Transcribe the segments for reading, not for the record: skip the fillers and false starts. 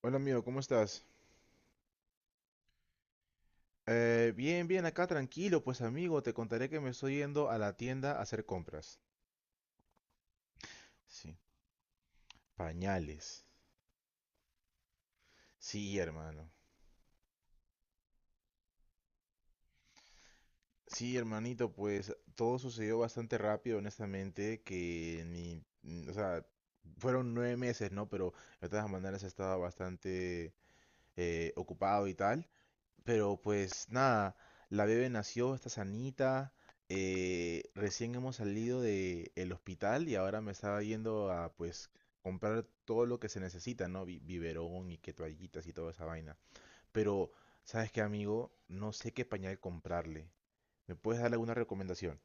Hola amigo, ¿cómo estás? Bien, bien, acá tranquilo, pues amigo, te contaré que me estoy yendo a la tienda a hacer compras. Sí, pañales. Sí, hermano. Sí, hermanito, pues todo sucedió bastante rápido, honestamente, que ni, mm, o sea, fueron 9 meses, ¿no? Pero de todas maneras estaba bastante ocupado y tal. Pero pues nada, la bebé nació, está sanita. Recién hemos salido de el hospital y ahora me estaba yendo a pues comprar todo lo que se necesita, ¿no? Biberón y que toallitas y toda esa vaina. Pero, ¿sabes qué, amigo? No sé qué pañal comprarle. ¿Me puedes dar alguna recomendación?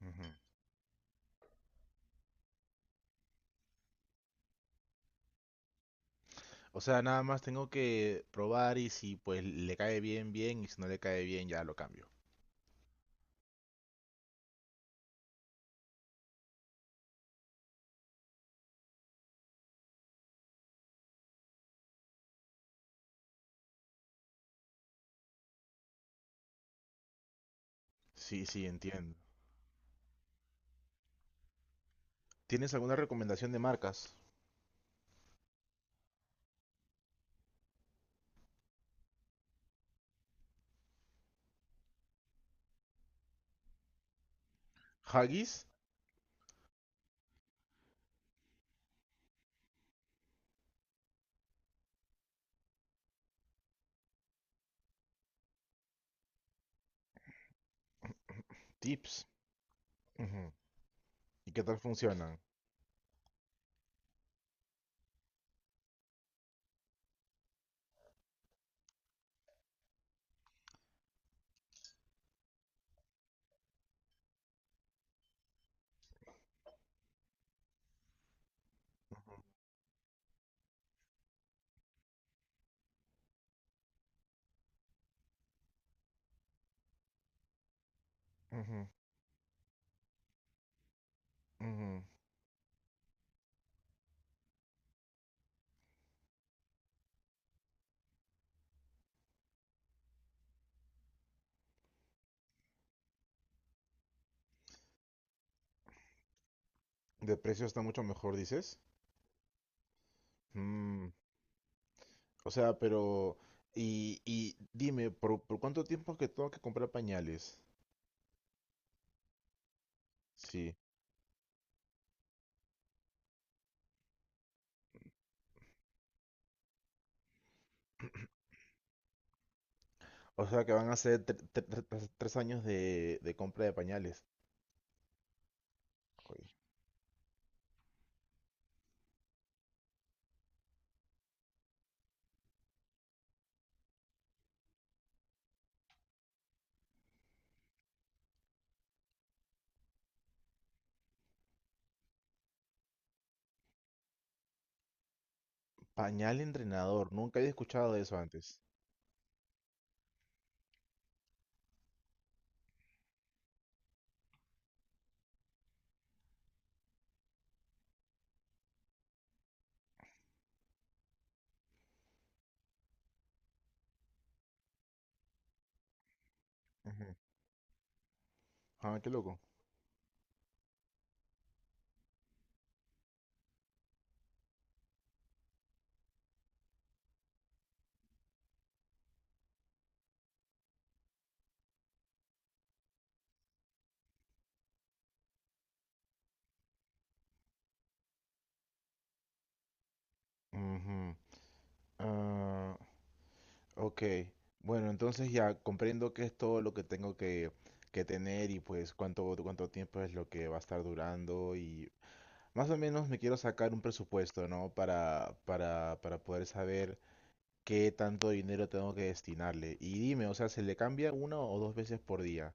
Ujú. O sea, nada más tengo que probar y si pues le cae bien, bien, y si no le cae bien, ya lo cambio. Sí, sí, entiendo. ¿Tienes alguna recomendación de marcas? Huggies, Tips. Ujú. ¿Y qué tal funcionan? Ujú, ujú, ujú. De precio está mucho mejor, dices. Mm, O sea, pero... Y dime, ¿por cuánto tiempo es que tengo que comprar pañales? Sí. O sea, que van a ser tres años de compra de pañales. Uy, pañal entrenador, nunca había escuchado de eso antes. Ujú. Ah, qué loco. Ujú. Ah, ok, bueno, entonces ya comprendo que es todo lo que tengo que tener y pues cuánto tiempo es lo que va a estar durando y más o menos me quiero sacar un presupuesto, ¿no? Para poder saber qué tanto dinero tengo que destinarle. Y dime, o sea, ¿se le cambia una o dos veces por día?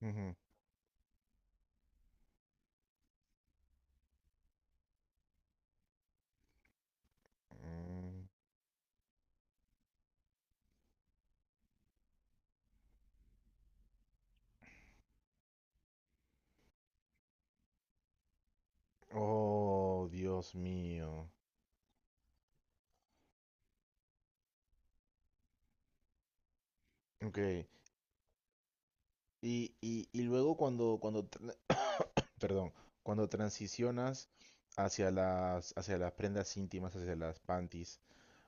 Ujú. Mm. Oh, Dios mío. Ok, y luego perdón, cuando transicionas hacia las prendas íntimas, hacia las panties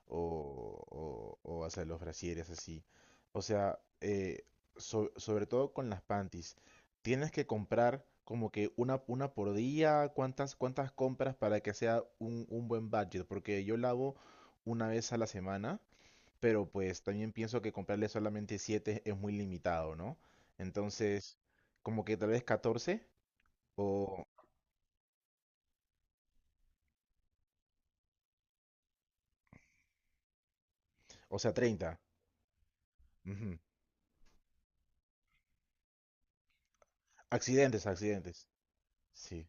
o hacia los brasieres así. O sea, sobre todo con las panties, tienes que comprar como que una por día, cuántas compras para que sea un buen budget, porque yo lavo una vez a la semana, pero pues también pienso que comprarle solamente 7 es muy limitado, ¿no? Entonces, como que tal vez 14 o, O sea, 30. Ujú. Accidentes, accidentes. Sí,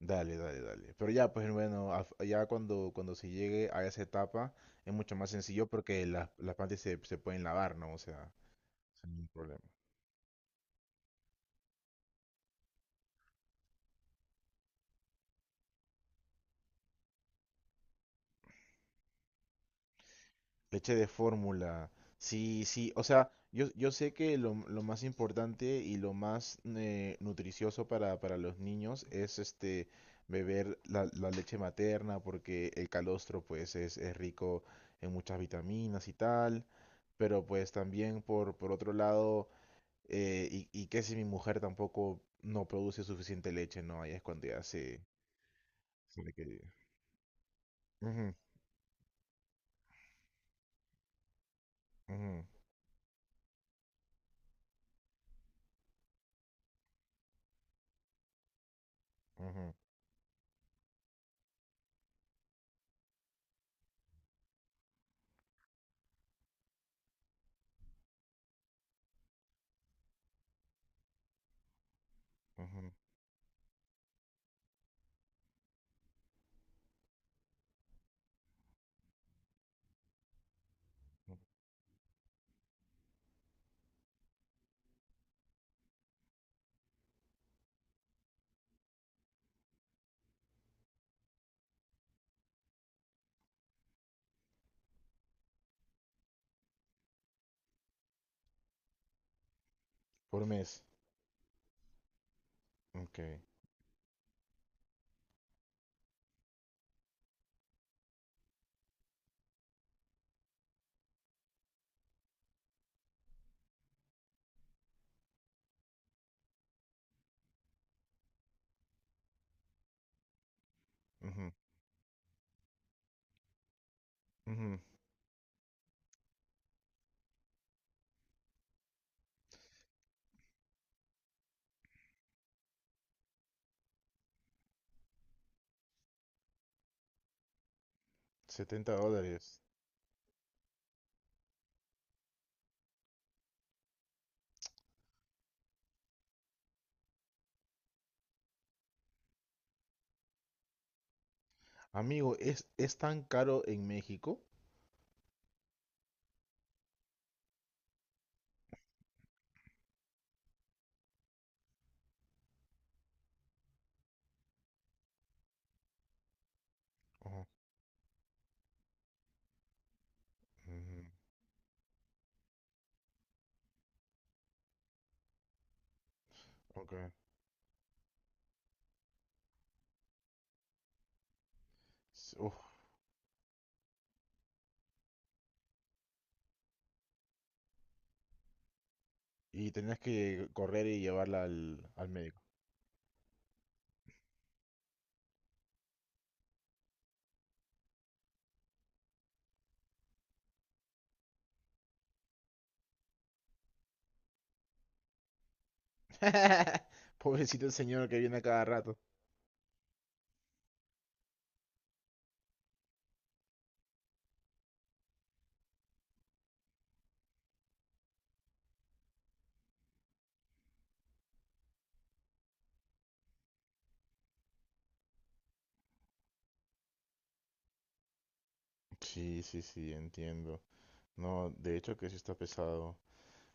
dale, dale, dale. Pero ya, pues bueno, ya cuando se llegue a esa etapa es mucho más sencillo porque las plantas se pueden lavar, ¿no? O sea, sin ningún problema. Leche de fórmula. Sí, sí. O sea, yo sé que lo más importante y lo más nutricioso para los niños es este beber la leche materna porque el calostro pues es rico en muchas vitaminas y tal. Pero pues también por otro lado, y que si mi mujer tampoco no produce suficiente leche, ¿no? Ahí es cuando ya se le queda. Ujú, ujú, ujú, ujú, ujú. Por mes. Ok. Ujú, $70. Amigo, ¿es tan caro en México? Ujú, ujú, ok. S- uf, y tenías que correr y llevarla al médico. Pobrecito el señor que viene a cada rato. Sí, sí, sí, entiendo. No, de hecho que sí está pesado.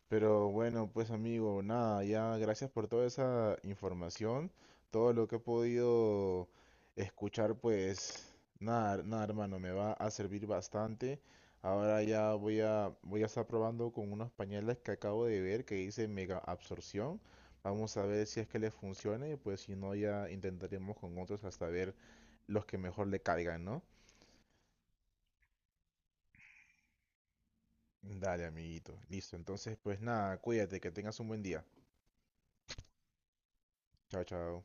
Pero bueno, pues amigo, nada, ya gracias por toda esa información, todo lo que he podido escuchar, pues nada, nada hermano, me va a servir bastante. Ahora ya voy a estar probando con unos pañales que acabo de ver que dice mega absorción. Vamos a ver si es que les funciona y pues si no ya intentaremos con otros hasta ver los que mejor le caigan, ¿no? Dale, amiguito, listo. Entonces, pues nada, cuídate, que tengas un buen día. Chao, chao.